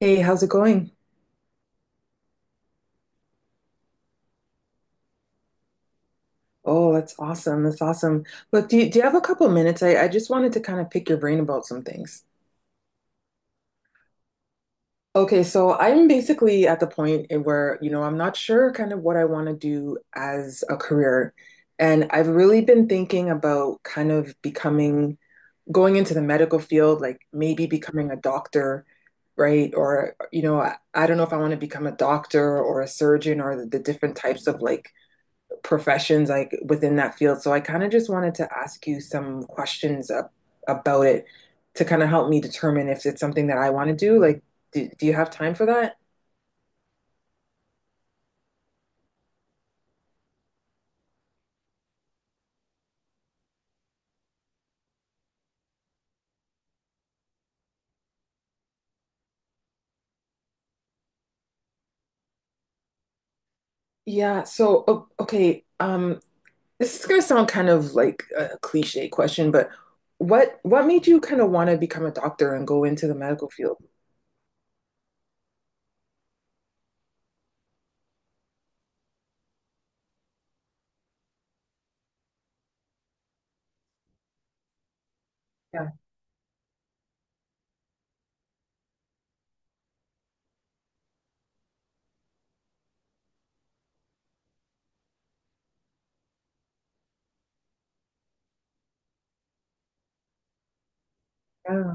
Hey, how's it going? Oh, that's awesome. That's awesome. Look, do you have a couple minutes? I just wanted to kind of pick your brain about some things. Okay, so I'm basically at the point in where, you know, I'm not sure kind of what I want to do as a career. And I've really been thinking about kind of becoming, going into the medical field, like maybe becoming a doctor, right? Or, you know, I don't know if I want to become a doctor or a surgeon or the different types of like professions like within that field. So I kind of just wanted to ask you some questions up, about it to kind of help me determine if it's something that I want to do. Like, do you have time for that? Yeah, so okay, this is gonna sound kind of like a cliche question, but what made you kind of want to become a doctor and go into the medical field? Yeah, yeah,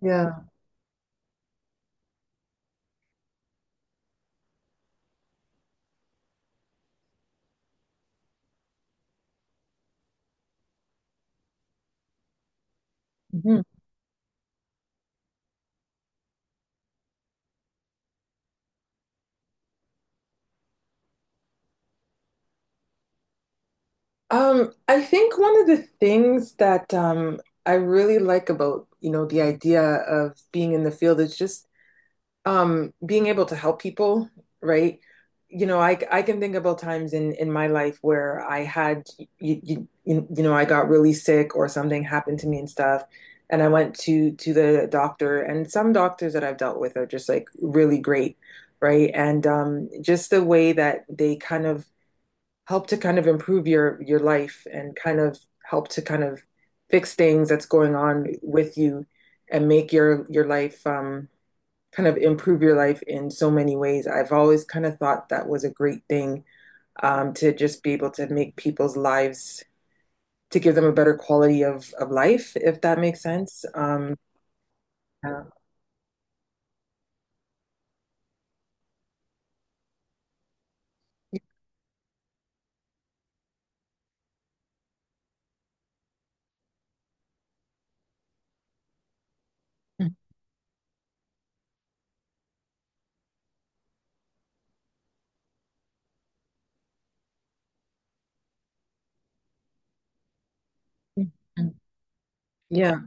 yeah. I think one of the things that I really like about, you know, the idea of being in the field is just being able to help people, right? You know, I can think about times in my life where I had, I got really sick or something happened to me and stuff, and I went to the doctor, and some doctors that I've dealt with are just like really great, right? And just the way that they kind of help to kind of improve your life and kind of help to kind of fix things that's going on with you and make your life kind of improve your life in so many ways. I've always kind of thought that was a great thing to just be able to make people's lives to give them a better quality of life, if that makes sense. Yeah. Yeah.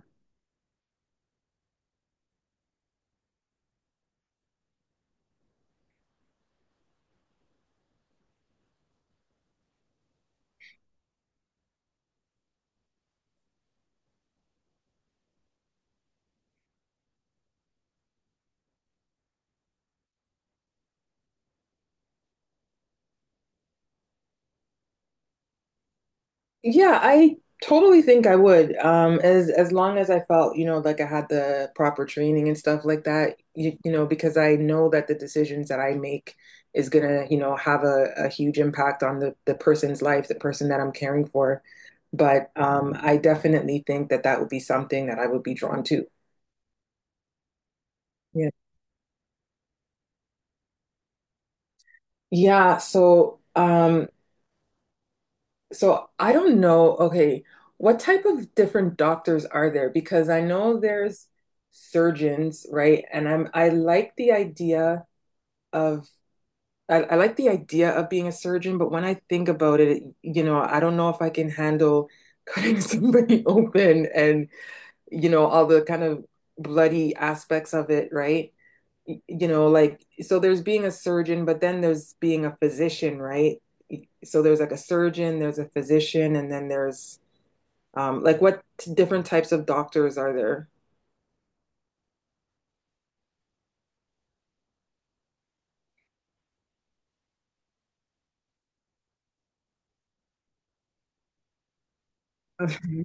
Yeah, I totally think I would. As long as I felt, you know, like I had the proper training and stuff like that, you know, because I know that the decisions that I make is gonna, you know, have a huge impact on the person's life, the person that I'm caring for. But I definitely think that that would be something that I would be drawn to. Yeah. Yeah, so So I don't know, okay, what type of different doctors are there? Because I know there's surgeons, right? And I like the idea of I like the idea of being a surgeon, but when I think about it, you know, I don't know if I can handle cutting somebody open and, you know, all the kind of bloody aspects of it, right? You know, like, so there's being a surgeon, but then there's being a physician, right? So there's like a surgeon, there's a physician, and then there's like what different types of doctors are there? Mhm.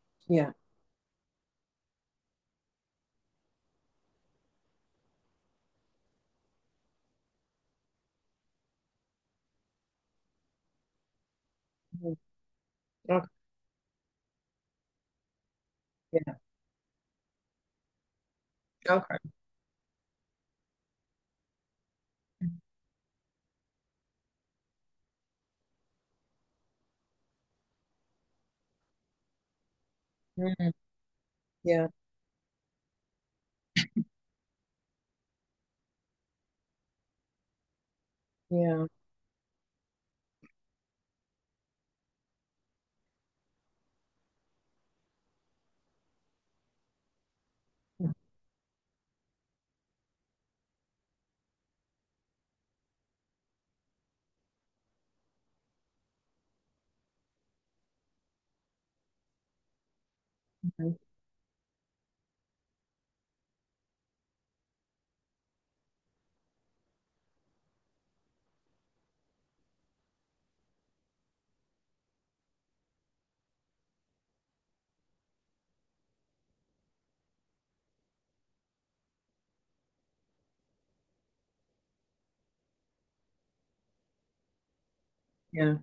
Yeah. Mhm. Okay. Yeah. Okay. Mhm. Yeah. Yeah. Mhm. Yeah.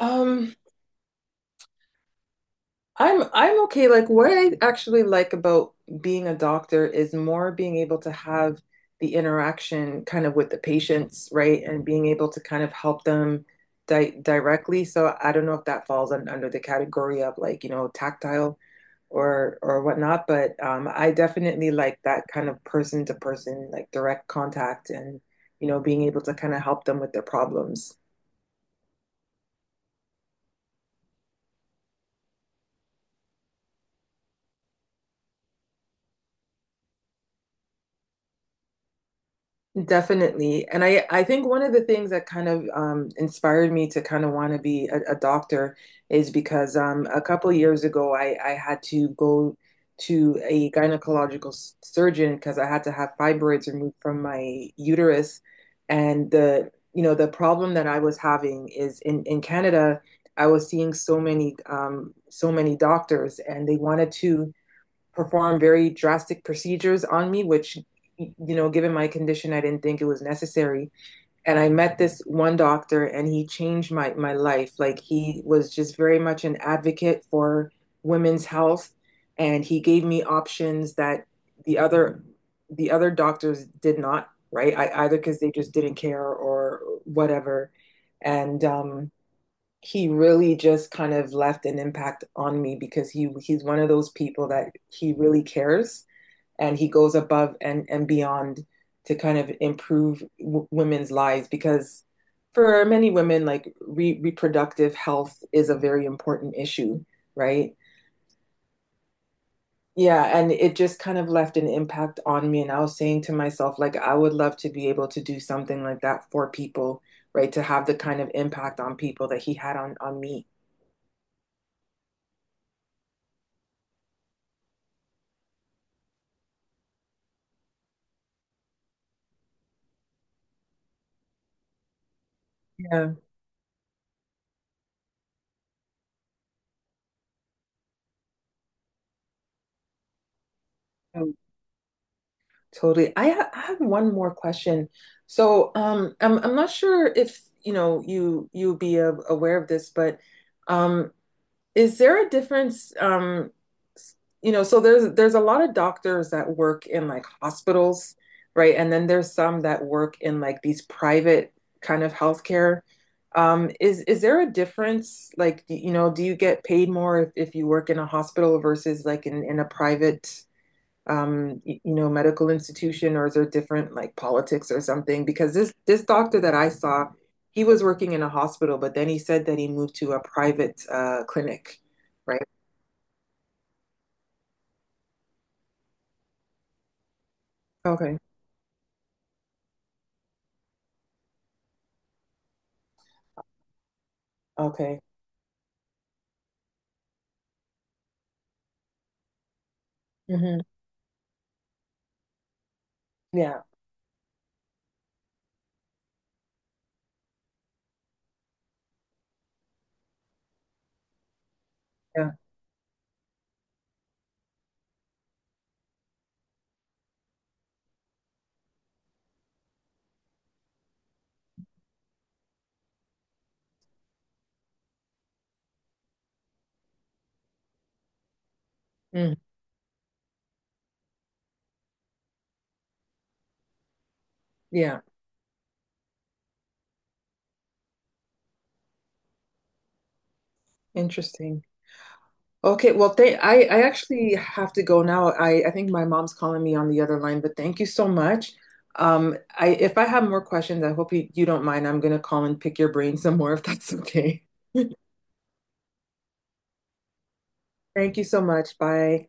um I'm okay. Like what I actually like about being a doctor is more being able to have the interaction kind of with the patients, right? And being able to kind of help them di directly. So I don't know if that falls un under the category of like, you know, tactile or whatnot, but I definitely like that kind of person to person, like direct contact and, you know, being able to kind of help them with their problems. Definitely. And I think one of the things that kind of inspired me to kind of want to be a doctor is because a couple of years ago, I had to go to a gynecological surgeon because I had to have fibroids removed from my uterus. And the, you know, the problem that I was having is in Canada, I was seeing so many, so many doctors and they wanted to perform very drastic procedures on me, which, you know, given my condition, I didn't think it was necessary. And I met this one doctor and he changed my life. Like, he was just very much an advocate for women's health. And he gave me options that the other the other doctors did not, right? I, either because they just didn't care or whatever. And he really just kind of left an impact on me because he's one of those people that he really cares and he goes above and beyond to kind of improve women's lives because for many women, like, reproductive health is a very important issue, right? Yeah, and it just kind of left an impact on me, and I was saying to myself, like, I would love to be able to do something like that for people, right? To have the kind of impact on people that he had on me. Yeah. Totally. I have one more question. So, I'm not sure if you know you aware of this, but um, is there a difference? S- you know, so there's a lot of doctors that work in like hospitals, right? And then there's some that work in like these private kind of healthcare. Is there a difference? Like, you know, do you get paid more if you work in a hospital versus like in a private? You know, medical institution or is there different like politics or something? Because this doctor that I saw, he was working in a hospital, but then he said that he moved to a private clinic, right? Okay, okay. Hmm. Yeah, yeah, mm, yeah. Interesting. Okay, well, th I actually have to go now. I think my mom's calling me on the other line, but thank you so much. I if I have more questions, I hope you, you don't mind. I'm gonna call and pick your brain some more if that's okay. Thank you so much. Bye.